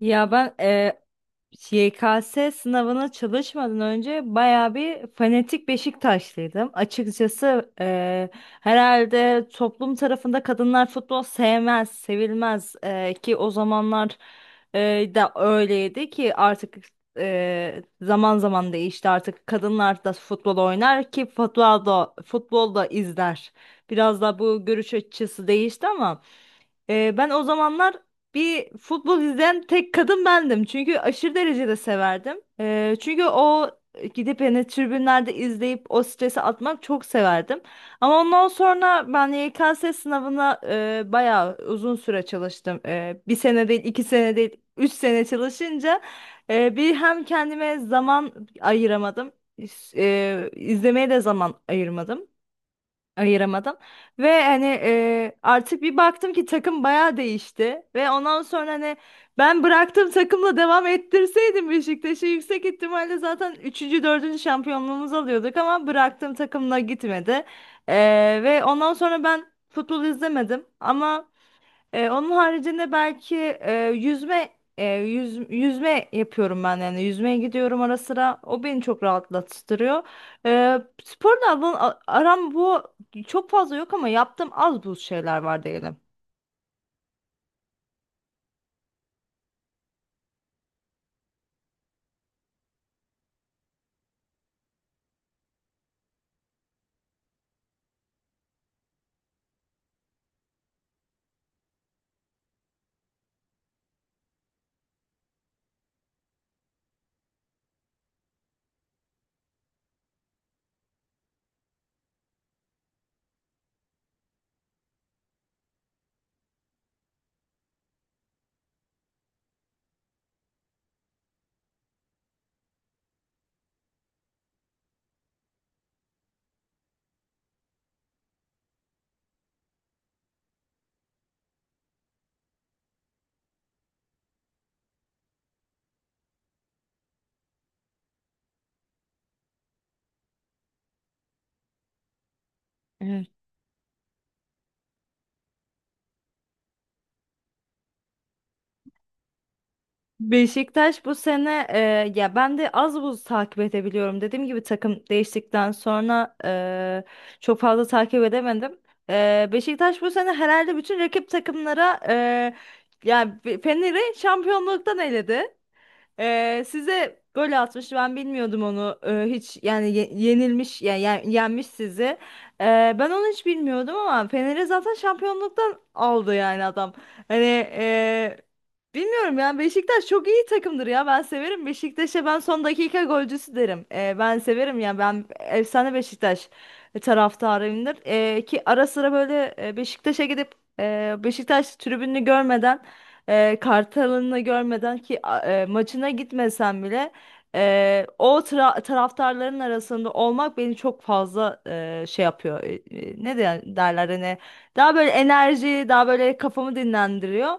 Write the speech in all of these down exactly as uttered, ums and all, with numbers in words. Ya ben e, Y K S sınavına çalışmadan önce bayağı bir fanatik Beşiktaşlıydım. Açıkçası e, herhalde toplum tarafında kadınlar futbol sevmez, sevilmez. E, ki o zamanlar e, da öyleydi ki artık e, zaman zaman değişti. Artık kadınlar da futbol oynar ki futbol da, futbol da izler. Biraz da bu görüş açısı değişti ama. Ee, ben o zamanlar bir futbol izleyen tek kadın bendim. Çünkü aşırı derecede severdim. Ee, çünkü o gidip yani tribünlerde izleyip o stresi atmak çok severdim. Ama ondan sonra ben Y K S sınavına e, bayağı uzun süre çalıştım. E, bir sene değil, iki sene değil, üç sene çalışınca e, bir hem kendime zaman ayıramadım. E, izlemeye de zaman ayırmadım ayıramadım. Ve hani e, artık bir baktım ki takım bayağı değişti. Ve ondan sonra hani ben bıraktığım takımla devam ettirseydim Beşiktaş'ı yüksek ihtimalle zaten üçüncü dördüncü şampiyonluğumuzu alıyorduk ama bıraktığım takımla gitmedi. E, ve ondan sonra ben futbol izlemedim ama ee, onun haricinde belki e, yüzme e, yüz- yüzme yapıyorum, ben yani yüzmeye gidiyorum ara sıra, o beni çok rahatlattırıyor. Ee, sporla bu- aram bu çok fazla yok ama yaptığım az buz şeyler var diyelim. Beşiktaş bu sene, e, ya ben de az buz takip edebiliyorum. Dediğim gibi takım değiştikten sonra e, çok fazla takip edemedim. E, Beşiktaş bu sene herhalde bütün rakip takımlara, e, yani Fener'i şampiyonluktan eledi. Ee, size gol atmış, ben bilmiyordum onu. Ee, hiç yani ye- yenilmiş, yani yen- yenmiş sizi. Ee, ben onu hiç bilmiyordum ama Fener'i zaten şampiyonluktan aldı yani adam. Hani, e, bilmiyorum yani, Beşiktaş çok iyi takımdır ya. Ben severim. Beşiktaş'a ben son dakika golcüsü derim. Ee, ben severim yani. Ben efsane Beşiktaş taraftarıyımdır, Ee, ki ara sıra böyle e, Beşiktaş'a gidip e, Beşiktaş tribününü görmeden, e, Kartal'ını görmeden, ki a- e, maçına gitmesem bile e, o tra- taraftarların arasında olmak beni çok fazla e, şey yapıyor. E, e, ne de- derler hani, daha böyle enerji, daha böyle kafamı dinlendiriyor.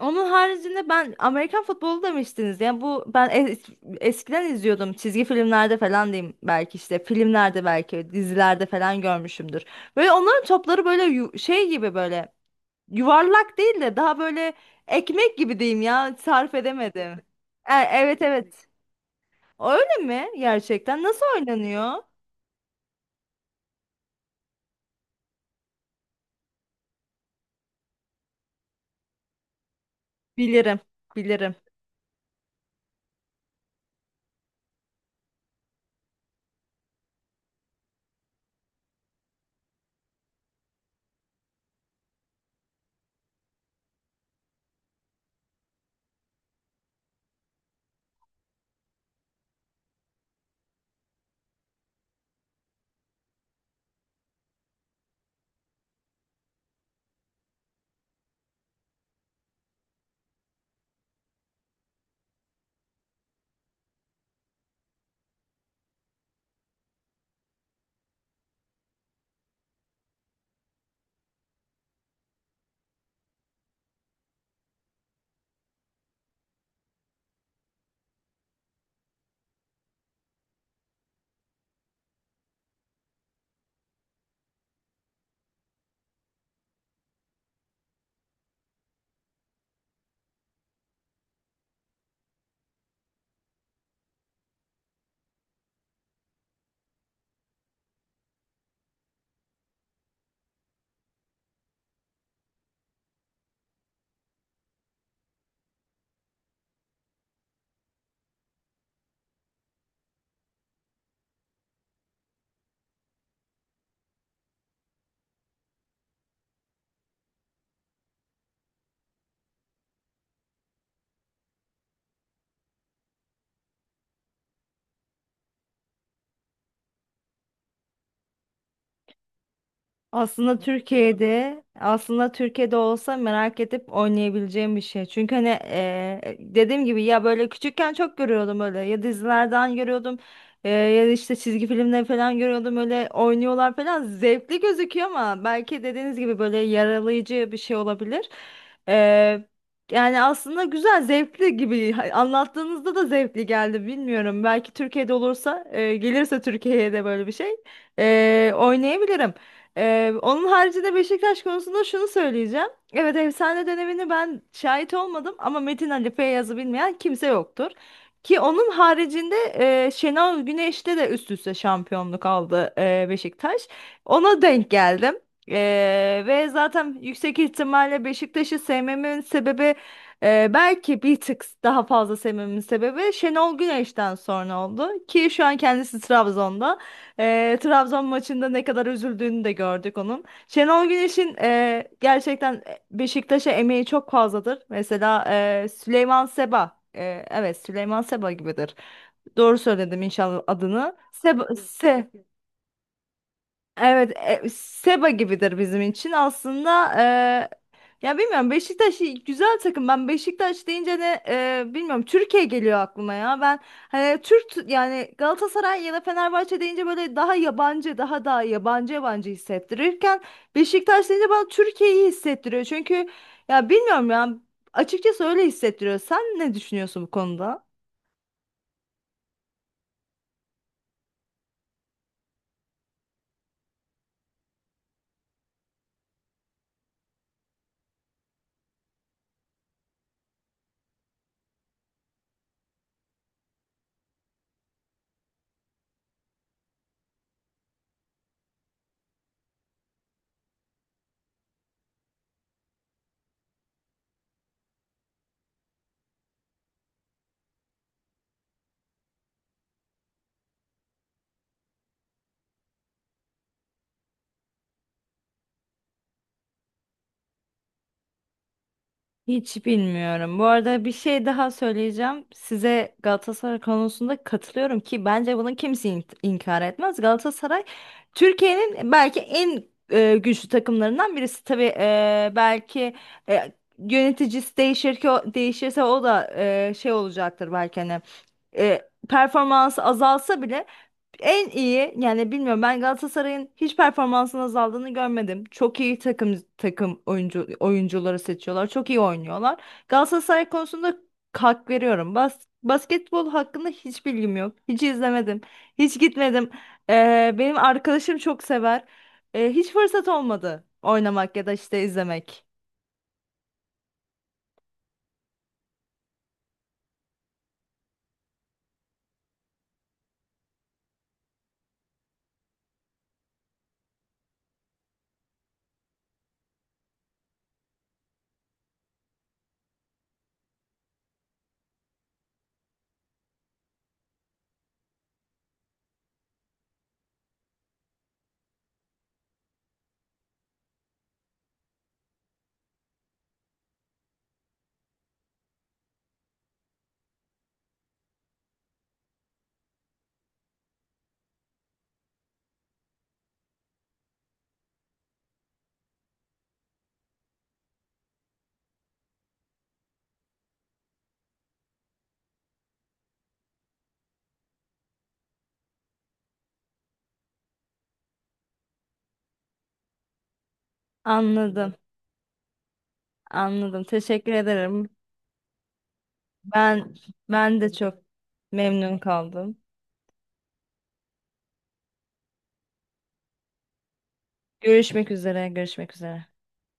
Onun haricinde ben Amerikan futbolu demiştiniz. Yani bu, ben es- eskiden izliyordum. Çizgi filmlerde falan diyeyim, belki işte filmlerde, belki dizilerde falan görmüşümdür. Böyle onların topları böyle yu- şey gibi, böyle yuvarlak değil de daha böyle ekmek gibi diyeyim ya. Sarf edemedim. E, evet, evet. Öyle mi gerçekten? Nasıl oynanıyor? Bilirim. Bilirim. Aslında Türkiye'de aslında Türkiye'de olsa merak edip oynayabileceğim bir şey. Çünkü hani eee, dediğim gibi, ya böyle küçükken çok görüyordum, öyle, ya dizilerden görüyordum, eee, ya da işte çizgi filmler falan görüyordum, öyle oynuyorlar falan, zevkli gözüküyor ama belki dediğiniz gibi böyle yaralayıcı bir şey olabilir. Eee, yani aslında güzel, zevkli gibi. Ha- anlattığınızda da zevkli geldi, bilmiyorum. Belki Türkiye'de olursa, eee, gelirse Türkiye'ye de böyle bir şey, eee, oynayabilirim. Ee, onun haricinde Beşiktaş konusunda şunu söyleyeceğim. Evet, efsane dönemini ben şahit olmadım ama Metin Ali Feyyaz'ı bilmeyen kimse yoktur. Ki onun haricinde e, Şenol Güneş'te de üst üste şampiyonluk aldı e, Beşiktaş. Ona denk geldim. E, ve zaten yüksek ihtimalle Beşiktaş'ı sevmemin sebebi, e, belki bir tık daha fazla sevmemin sebebi, Şenol Güneş'ten sonra oldu. Ki şu an kendisi Trabzon'da. Eee, Trabzon maçında ne kadar üzüldüğünü de gördük onun. Şenol Güneş'in eee, gerçekten Beşiktaş'a emeği çok fazladır. Mesela eee, Süleyman Seba, eee, evet, Süleyman Seba gibidir. Doğru söyledim inşallah adını. Seba. Evet, e, Seba gibidir bizim için aslında. e, ya bilmiyorum, Beşiktaş iyi- güzel takım. Ben Beşiktaş deyince de e, bilmiyorum, Türkiye geliyor aklıma ya. Ben hani Türk, yani Galatasaray ya da Fenerbahçe deyince böyle daha yabancı, daha daha yabancı yabancı hissettirirken, Beşiktaş deyince bana Türkiye'yi hissettiriyor. Çünkü ya bilmiyorum ya, açıkçası öyle hissettiriyor. Sen ne düşünüyorsun bu konuda? Hiç bilmiyorum. Bu arada bir şey daha söyleyeceğim. Size Galatasaray konusunda katılıyorum ki bence bunu kimse in- inkar etmez. Galatasaray Türkiye'nin belki en e, güçlü takımlarından birisi. Tabii e, belki e, yöneticisi değişir, ki o, değişirse o da e, şey olacaktır belki, hani e, performansı azalsa bile en iyi, yani bilmiyorum, ben Galatasaray'ın hiç performansının azaldığını görmedim. Çok iyi takım takım oyuncu oyuncuları seçiyorlar. Çok iyi oynuyorlar. Galatasaray konusunda hak veriyorum. Bas, basketbol hakkında hiç bilgim yok. Hiç izlemedim. Hiç gitmedim. Ee, benim arkadaşım çok sever. Ee, hiç fırsat olmadı oynamak ya da işte izlemek. Anladım. Anladım. Teşekkür ederim. Ben ben de çok memnun kaldım. Görüşmek üzere. Görüşmek üzere.